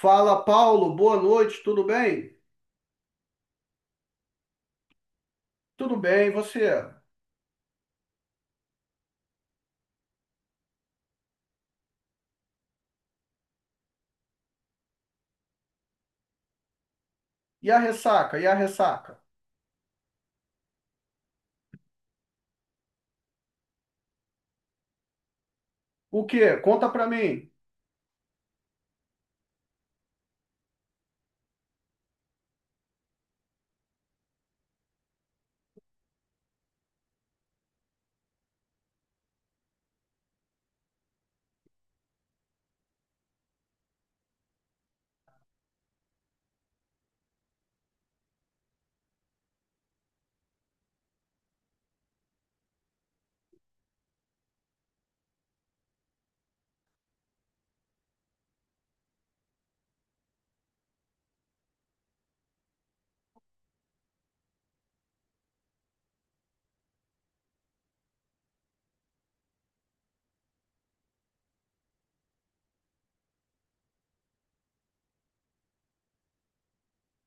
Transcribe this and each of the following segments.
Fala, Paulo, boa noite, tudo bem? Tudo bem, e você? E a ressaca? E a ressaca? O quê? Conta pra mim.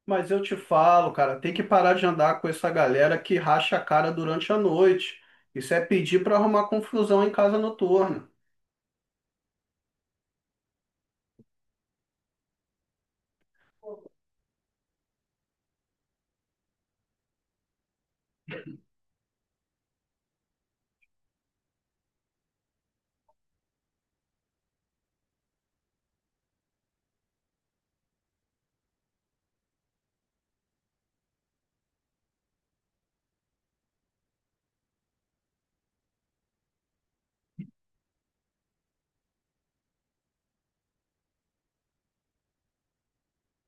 Mas eu te falo, cara, tem que parar de andar com essa galera que racha a cara durante a noite. Isso é pedir pra arrumar confusão em casa noturna.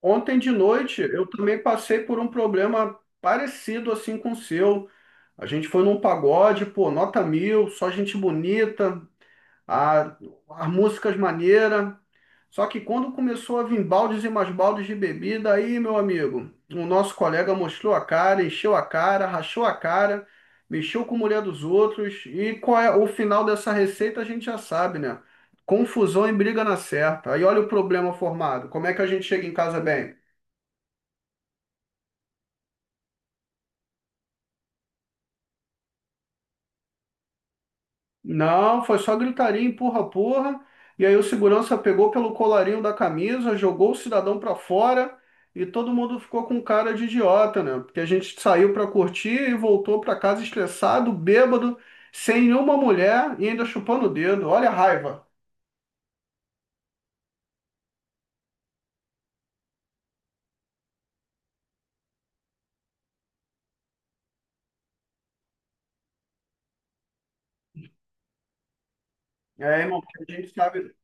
Ontem de noite eu também passei por um problema parecido assim com o seu. A gente foi num pagode, pô, nota mil, só gente bonita, a, as músicas maneiras. Só que quando começou a vir baldes e mais baldes de bebida, aí, meu amigo, o nosso colega mostrou a cara, encheu a cara, rachou a cara, mexeu com a mulher dos outros. E qual é o final dessa receita, a gente já sabe, né? Confusão e briga na certa. Aí olha o problema formado. Como é que a gente chega em casa bem? Não, foi só gritaria, empurra, porra. E aí o segurança pegou pelo colarinho da camisa, jogou o cidadão pra fora e todo mundo ficou com cara de idiota, né? Porque a gente saiu pra curtir e voltou pra casa estressado, bêbado, sem nenhuma mulher e ainda chupando o dedo. Olha a raiva. É, irmão, porque a gente sabe.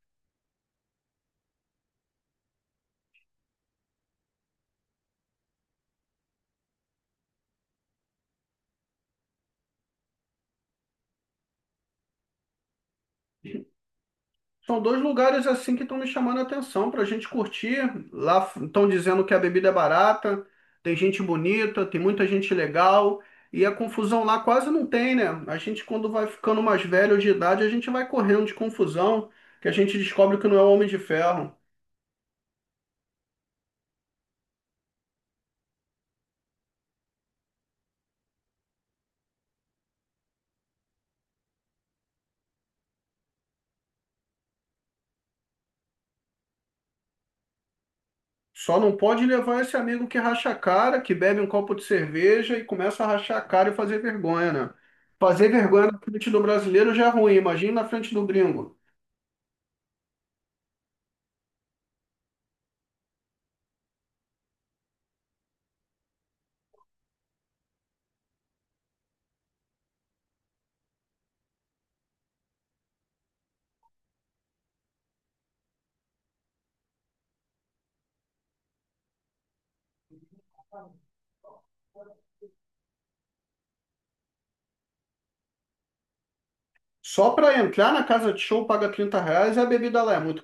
São dois lugares assim que estão me chamando a atenção para a gente curtir. Lá estão dizendo que a bebida é barata, tem gente bonita, tem muita gente legal e a confusão lá quase não tem, né? A gente, quando vai ficando mais velho de idade, a gente vai correndo de confusão, que a gente descobre que não é o Homem de Ferro. Só não pode levar esse amigo que racha a cara, que bebe um copo de cerveja e começa a rachar a cara e fazer vergonha, né? Fazer vergonha na frente do brasileiro já é ruim, imagina na frente do gringo. Só para entrar na casa de show paga R$ 30 e a bebida lá é muito.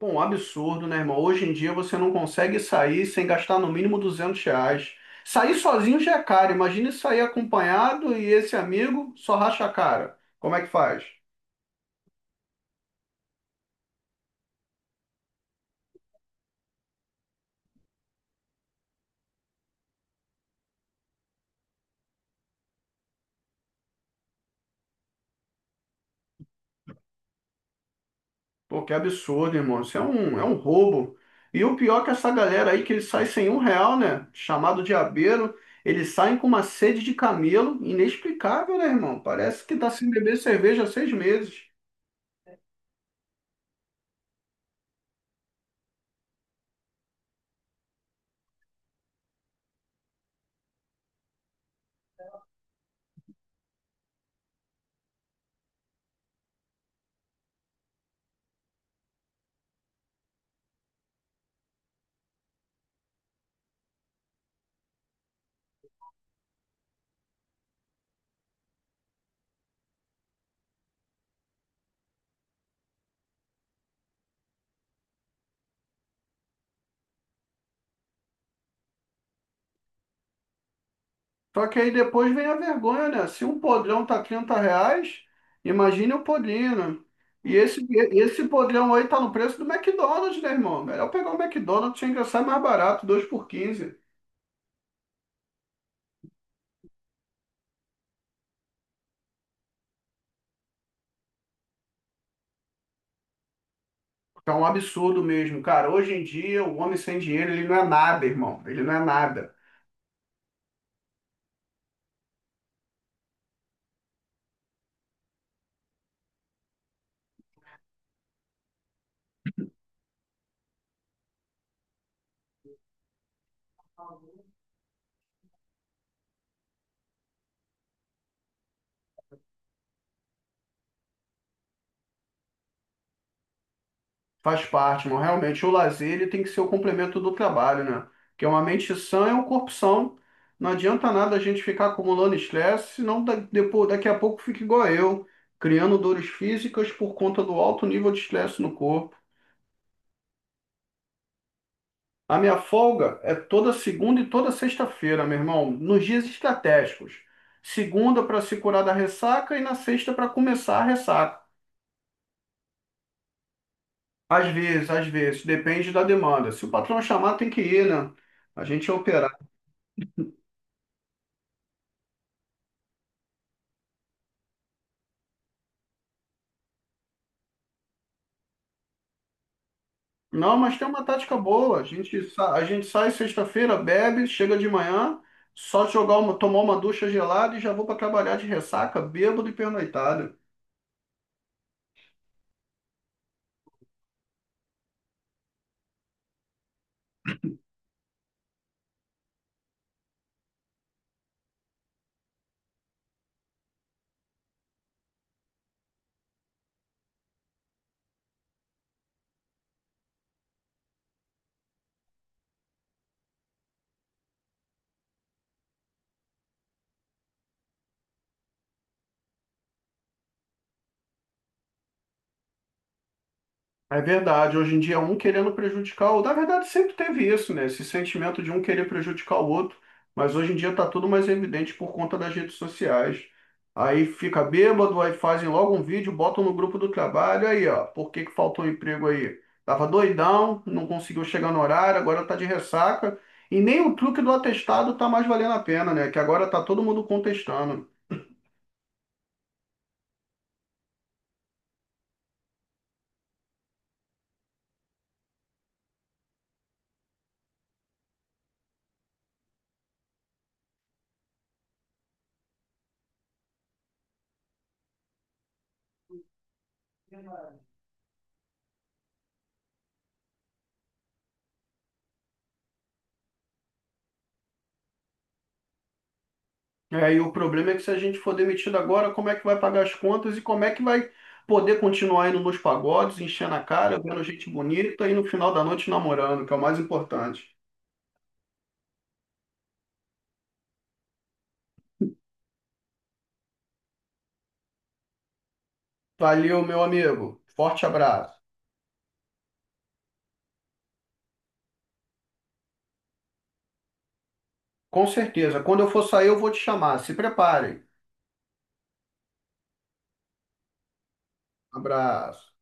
Bom, um absurdo, né, irmão? Hoje em dia você não consegue sair sem gastar no mínimo R$ 200. Sair sozinho já é caro. Imagine sair acompanhado e esse amigo só racha a cara. Como é que faz? Pô, que absurdo, irmão. Isso é um roubo. E o pior é que essa galera aí que eles saem sem um real, né? Chamado de abeiro, eles saem com uma sede de camelo inexplicável, né, irmão? Parece que tá sem beber cerveja há 6 meses. Só que aí depois vem a vergonha, né? Se um podrão tá R$ 30, imagine o podrinho, né? E esse podrão aí tá no preço do McDonald's, né, irmão? Melhor pegar o McDonald's, tinha que sai mais barato, 2 por 15. Tá um absurdo mesmo, cara. Hoje em dia, o homem sem dinheiro, ele não é nada, irmão. Ele não é nada. Faz parte, mas realmente o lazer ele tem que ser o complemento do trabalho, né? Porque uma mente sã é um corpo são. Não adianta nada a gente ficar acumulando estresse, senão depois, daqui a pouco fica igual eu, criando dores físicas por conta do alto nível de estresse no corpo. A minha folga é toda segunda e toda sexta-feira, meu irmão, nos dias estratégicos. Segunda para se curar da ressaca e na sexta para começar a ressaca. Às vezes, depende da demanda. Se o patrão chamar, tem que ir, né? A gente é operário. Não, mas tem uma tática boa. A gente sai sexta-feira, bebe, chega de manhã, só jogar uma, tomar uma ducha gelada e já vou para trabalhar de ressaca, bêbado e pernoitado. É verdade, hoje em dia um querendo prejudicar o outro. Na verdade, sempre teve isso, né? Esse sentimento de um querer prejudicar o outro. Mas hoje em dia está tudo mais evidente por conta das redes sociais. Aí fica bêbado, aí fazem logo um vídeo, botam no grupo do trabalho. Aí, ó, por que que faltou emprego aí? Tava doidão, não conseguiu chegar no horário, agora tá de ressaca. E nem o truque do atestado tá mais valendo a pena, né? Que agora tá todo mundo contestando. É, e o problema é que se a gente for demitido agora, como é que vai pagar as contas e como é que vai poder continuar indo nos pagodes, enchendo a cara, vendo gente bonita e no final da noite namorando, que é o mais importante. Valeu, meu amigo. Forte abraço. Com certeza. Quando eu for sair, eu vou te chamar. Se preparem. Abraço.